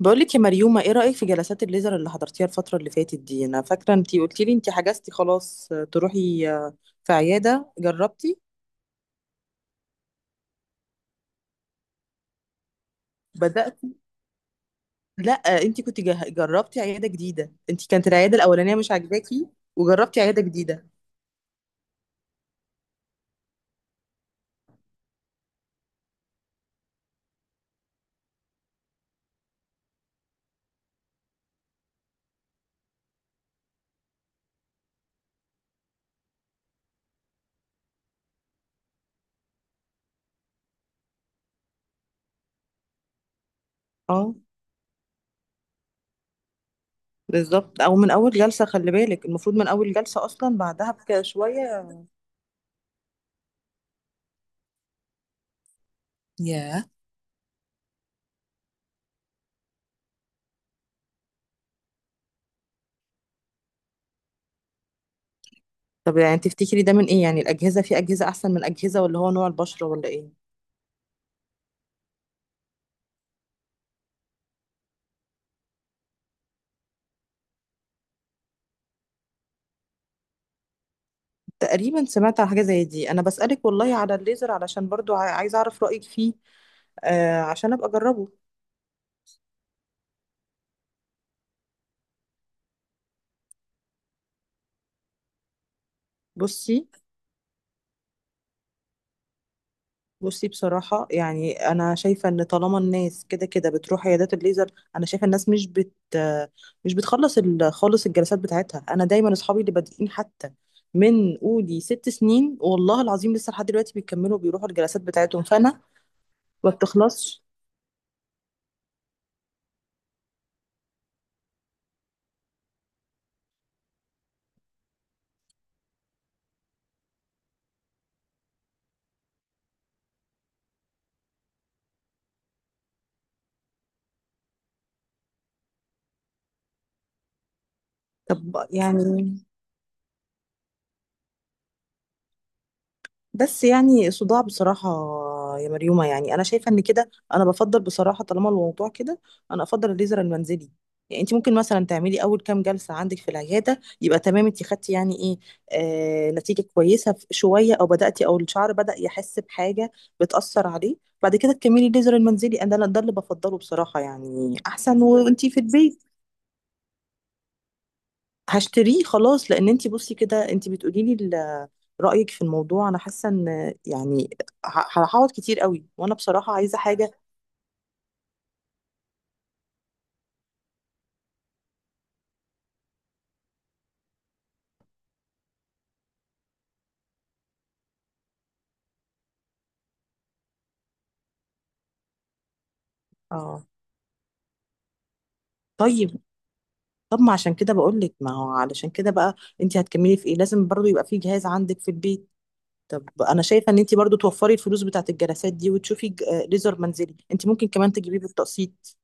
بقولك يا مريومة ايه رأيك في جلسات الليزر اللي حضرتيها الفترة اللي فاتت دي. انا فاكرة انتي قلتي لي انتي حجزتي خلاص، تروحي في عيادة. جربتي؟ بدأت. لا. انتي كنت جربتي عيادة جديدة، انتي كانت العيادة الأولانية مش عاجباكي وجربتي عيادة جديدة. اه، بالظبط، او من اول جلسة. خلي بالك المفروض من اول جلسة اصلا بعدها شوية. ياه. طب يعني تفتكري ده من ايه؟ يعني الأجهزة، في أجهزة احسن من أجهزة ولا هو نوع البشرة ولا ايه؟ تقريبا سمعت على حاجة زي دي. أنا بسألك والله على الليزر علشان برضو عايزة أعرف رأيك فيه. عشان أبقى أجربه. بصي، بصي، بصراحة يعني أنا شايفة إن طالما الناس كده كده بتروح عيادات الليزر، أنا شايفة الناس مش بت آه، مش بتخلص خالص الجلسات بتاعتها. أنا دايما أصحابي اللي بادئين حتى من قولي 6 سنين والله العظيم لسه لحد دلوقتي بيكملوا، بيروحوا الجلسات بتاعتهم، فأنا ما بتخلصش. طب يعني، بس يعني صداع بصراحة يا مريومة. يعني أنا شايفة إن كده أنا بفضل بصراحة طالما الموضوع كده، أنا أفضل الليزر المنزلي. يعني أنت ممكن مثلا تعملي أول كام جلسة عندك في العيادة، يبقى تمام، أنت خدتي يعني إيه، نتيجة كويسة شوية، أو بدأتي أو الشعر بدأ يحس بحاجة، بتأثر عليه. بعد كده تكملي الليزر المنزلي. أنا ده اللي بفضله بصراحة، يعني أحسن وأنت في البيت. هشتريه خلاص، لان انتي بصي كده، انتي بتقولي لي رايك في الموضوع، انا حاسه ان يعني هقعد كتير قوي، وانا بصراحه عايزه حاجه. اه، طيب. طب ما عشان كده بقول لك، ما هو علشان كده بقى، انتي هتكملي في ايه؟ لازم برضو يبقى في جهاز عندك في البيت. طب انا شايفه ان انتي برضو توفري الفلوس بتاعت الجلسات دي وتشوفي ليزر منزلي. انتي ممكن كمان تجيبيه بالتقسيط.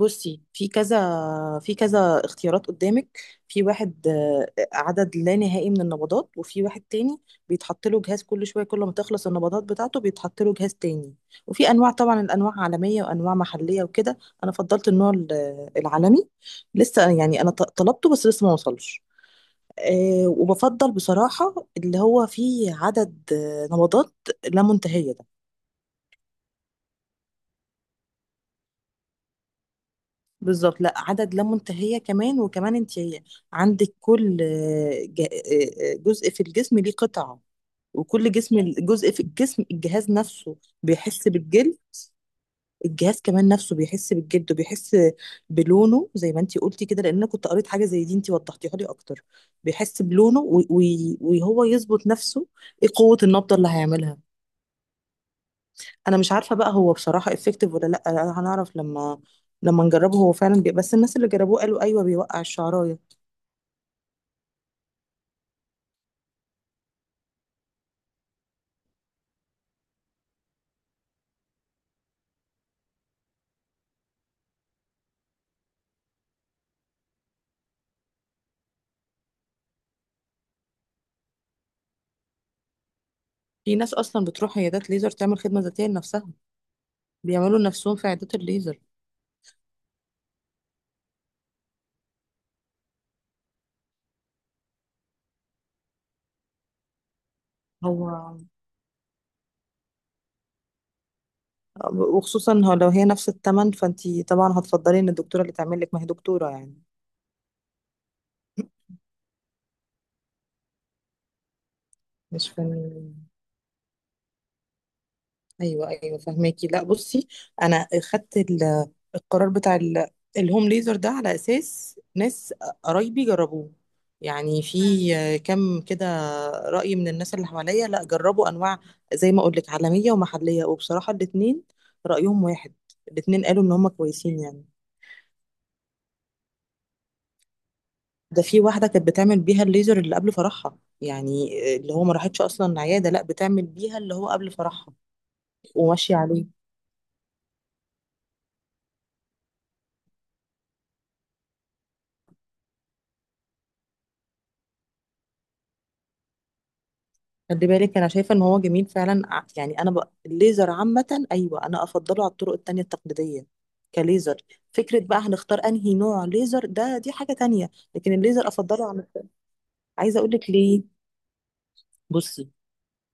بصي، في كذا اختيارات قدامك. في واحد عدد لا نهائي من النبضات، وفي واحد تاني بيتحط له جهاز كل شويه، كل ما تخلص النبضات بتاعته بيتحط له جهاز تاني. وفي انواع، طبعا الانواع عالميه وانواع محليه وكده. انا فضلت النوع العالمي. لسه يعني انا طلبته بس لسه ما وصلش. أه، وبفضل بصراحه اللي هو فيه عدد نبضات لا منتهيه. بالظبط، لا عدد لا منتهية. كمان وكمان انت عندك كل جزء في الجسم ليه قطعة، وكل جسم، جزء في الجسم الجهاز نفسه بيحس بالجلد. الجهاز كمان نفسه بيحس بالجلد وبيحس بلونه، زي ما انت قلتي كده، لان انا كنت قريت حاجة زي دي، انت وضحتيها لي اكتر. بيحس بلونه وهو يظبط نفسه ايه قوة النبضة اللي هيعملها. انا مش عارفة بقى هو بصراحة افكتيف ولا لا، هنعرف لما، لما نجربه. هو فعلا بس الناس اللي جربوه قالوا ايوه، بيوقع الشعرايه. في ناس اصلا بتروح عيادات ليزر تعمل خدمه ذاتيه لنفسها، بيعملوا لنفسهم في عيادات الليزر. هو، وخصوصا هو لو هي نفس الثمن، فانتي طبعا هتفضلي ان الدكتوره اللي تعمل لك، ما هي دكتوره يعني، مش فن. ايوه ايوه، فهماكي. لا بصي، انا خدت القرار بتاع الهوم ليزر ده على اساس ناس قرايبي جربوه، يعني في كم كده رأي من الناس اللي حواليا، لا جربوا انواع زي ما اقول لك عالمية ومحلية، وبصراحة الاتنين رأيهم واحد، الاتنين قالوا ان هم كويسين يعني. ده في واحدة كانت بتعمل بيها الليزر اللي قبل فرحها، يعني اللي هو ما راحتش اصلا عيادة، لا بتعمل بيها اللي هو قبل فرحها وماشية عليه. خلي بالك انا شايفة ان هو جميل فعلا، يعني انا بقى الليزر عامة، ايوه انا افضله على الطرق التانية التقليدية كليزر. فكرة بقى هنختار انهي نوع ليزر، ده دي حاجة تانية، لكن الليزر افضله عن عايزة اقول لك ليه. بصي،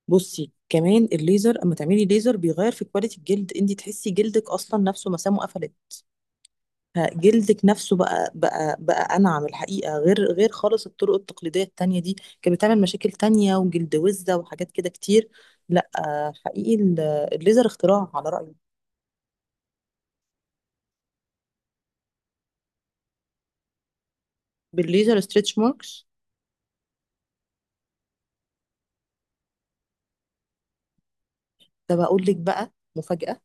بصي كمان، الليزر اما تعملي ليزر بيغير في كواليتي الجلد، انت تحسي جلدك اصلا نفسه مسامه قفلت، جلدك نفسه بقى انعم الحقيقه، غير خالص الطرق التقليديه التانية دي، كانت بتعمل مشاكل تانية وجلد وزه وحاجات كده كتير. لا، حقيقي الليزر اختراع على رايي. بالليزر، ستريتش ماركس. ده بقول لك بقى مفاجاه،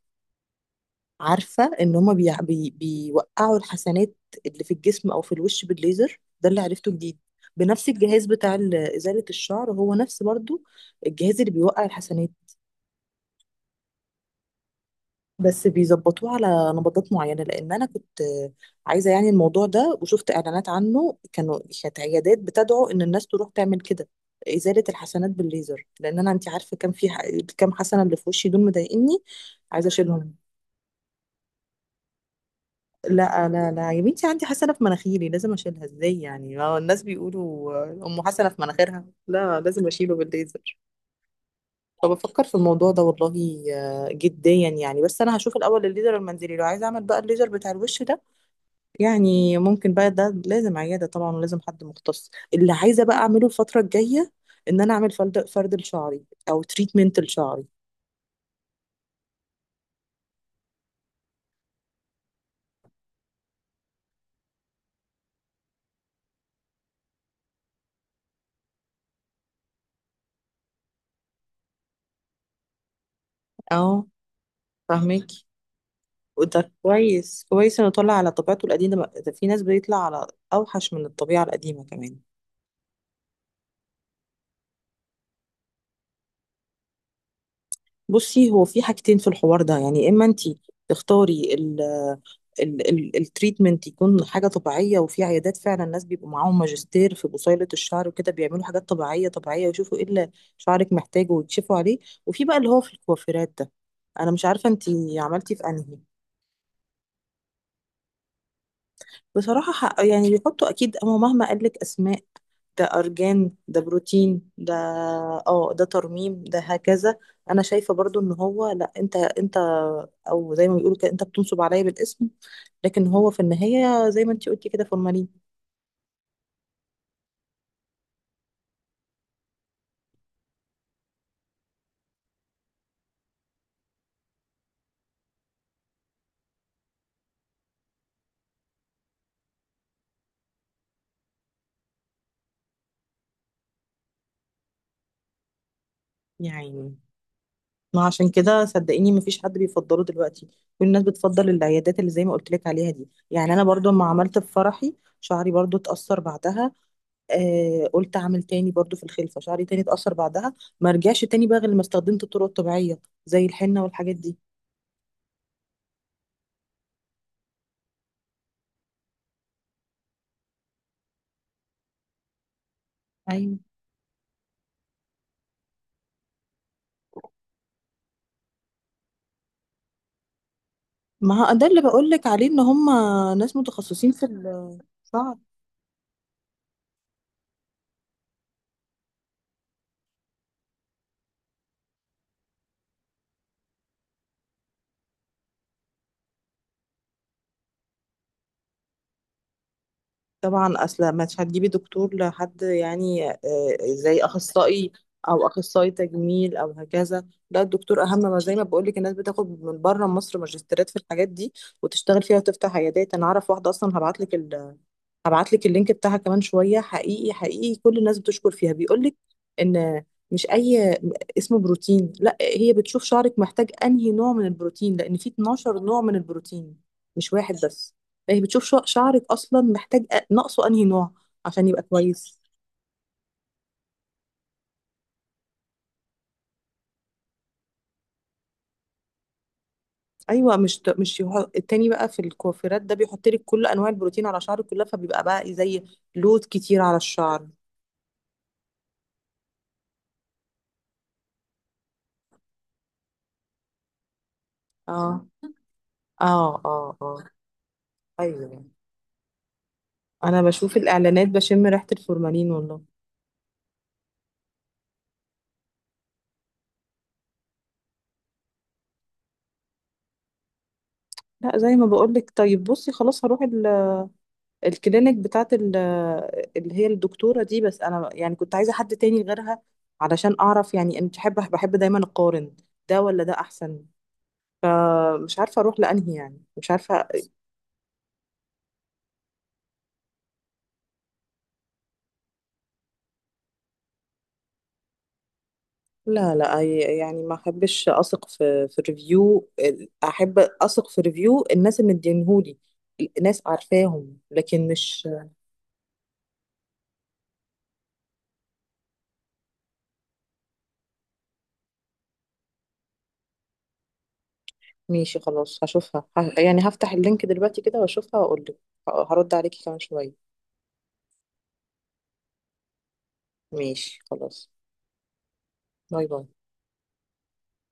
عارفة ان هما بيوقعوا الحسنات اللي في الجسم او في الوش بالليزر، ده اللي عرفته جديد. بنفس الجهاز بتاع ازالة الشعر، هو نفس برضو الجهاز اللي بيوقع الحسنات، بس بيظبطوه على نبضات معينة. لان انا كنت عايزة يعني الموضوع ده، وشفت اعلانات عنه، كانوا كانت عيادات بتدعو ان الناس تروح تعمل كده، ازالة الحسنات بالليزر. لان انا، انت عارفة، كان في كام حسنة اللي في وشي دول مضايقني، عايزة اشيلهم. لا لا لا يا بنتي، عندي حسنة في مناخيري لازم اشيلها. ازاي يعني؟ ما هو الناس بيقولوا آه، ام حسنة في مناخيرها. لا، لازم اشيله بالليزر. فبفكر في الموضوع ده والله جديا يعني. بس انا هشوف الاول الليزر المنزلي، لو عايزه اعمل بقى الليزر بتاع الوش ده، يعني ممكن بقى ده لازم عيادة طبعا ولازم حد مختص. اللي عايزه بقى اعمله الفترة الجاية ان انا اعمل فرد، فرد لشعري او تريتمنت لشعري. اه، فاهمك. وده كويس، كويس انه طلع على طبيعته القديمة. ده في ناس بيطلع على اوحش من الطبيعة القديمة كمان. بصي، هو في حاجتين في الحوار ده يعني، اما انت تختاري ال ال ال التريتمنت يكون حاجة طبيعية، وفي عيادات فعلا الناس بيبقوا معاهم ماجستير في بصيلة الشعر وكده، بيعملوا حاجات طبيعية، طبيعية، ويشوفوا ايه اللي شعرك محتاجه ويكشفوا عليه. وفي بقى اللي هو في الكوافيرات ده، انا مش عارفة انت عملتي في انهي. بصراحة حق يعني، بيحطوا أكيد أما مهما قالك أسماء، ده أرجان، ده بروتين، ده اه، ده ترميم، ده هكذا. أنا شايفة برضو إن هو لأ، أنت أنت، أو زي ما بيقولوا كده، أنت بتنصب عليا بالاسم، لكن هو في النهاية زي ما أنتي قلتي كده فورمالين. يعني ما عشان كده صدقيني مفيش حد بيفضله دلوقتي. كل الناس بتفضل العيادات اللي زي ما قلت لك عليها دي. يعني أنا برضو لما عملت في فرحي شعري برضو اتأثر بعدها، آه قلت اعمل تاني برضو في الخلفه، شعري تاني اتأثر بعدها، ما رجعش تاني بقى غير لما استخدمت الطرق الطبيعيه زي الحنه والحاجات دي. ايوه، ما هو ده اللي بقول لك عليه، ان هم ناس متخصصين في الشعر. طبعا اصلا مش هتجيبي دكتور لحد يعني زي اخصائي، او اخصائي تجميل او هكذا. لا، الدكتور اهم. ما زي ما بقول لك، الناس بتاخد من بره مصر ماجستيرات في الحاجات دي وتشتغل فيها وتفتح عيادات. انا اعرف واحده اصلا، هبعت لك، هبعت لك اللينك بتاعها كمان شويه. حقيقي، حقيقي كل الناس بتشكر فيها، بيقول لك ان مش اي، اسمه بروتين، لا، هي بتشوف شعرك محتاج انهي نوع من البروتين، لان في 12 نوع من البروتين، مش واحد بس. فهي بتشوف شعرك اصلا محتاج، ناقصه انهي نوع عشان يبقى كويس. ايوه، مش ت- مش يح- التاني بقى في الكوافيرات ده بيحط لك كل انواع البروتين على شعرك كلها، فبيبقى بقى زي لود كتير على الشعر. اه اه اه اه، ايوه انا بشوف الاعلانات بشم ريحه الفورمالين والله. لا زي ما بقولك، طيب بصي خلاص، هروح الكلينيك بتاعت اللي هي الدكتوره دي. بس انا يعني كنت عايزه حد تاني غيرها علشان اعرف، يعني انا بحب، بحب دايما اقارن ده ولا ده احسن. مش عارفه اروح لانهي يعني، مش عارفه. لا لا، يعني ما احبش اثق في ريفيو، احب اثق في ريفيو الناس اللي مدينهولي، ناس عارفاهم، لكن مش. ماشي خلاص، هشوفها، يعني هفتح اللينك دلوقتي كده واشوفها واقول لك، هرد عليكي كمان شوية. ماشي خلاص. باي باي.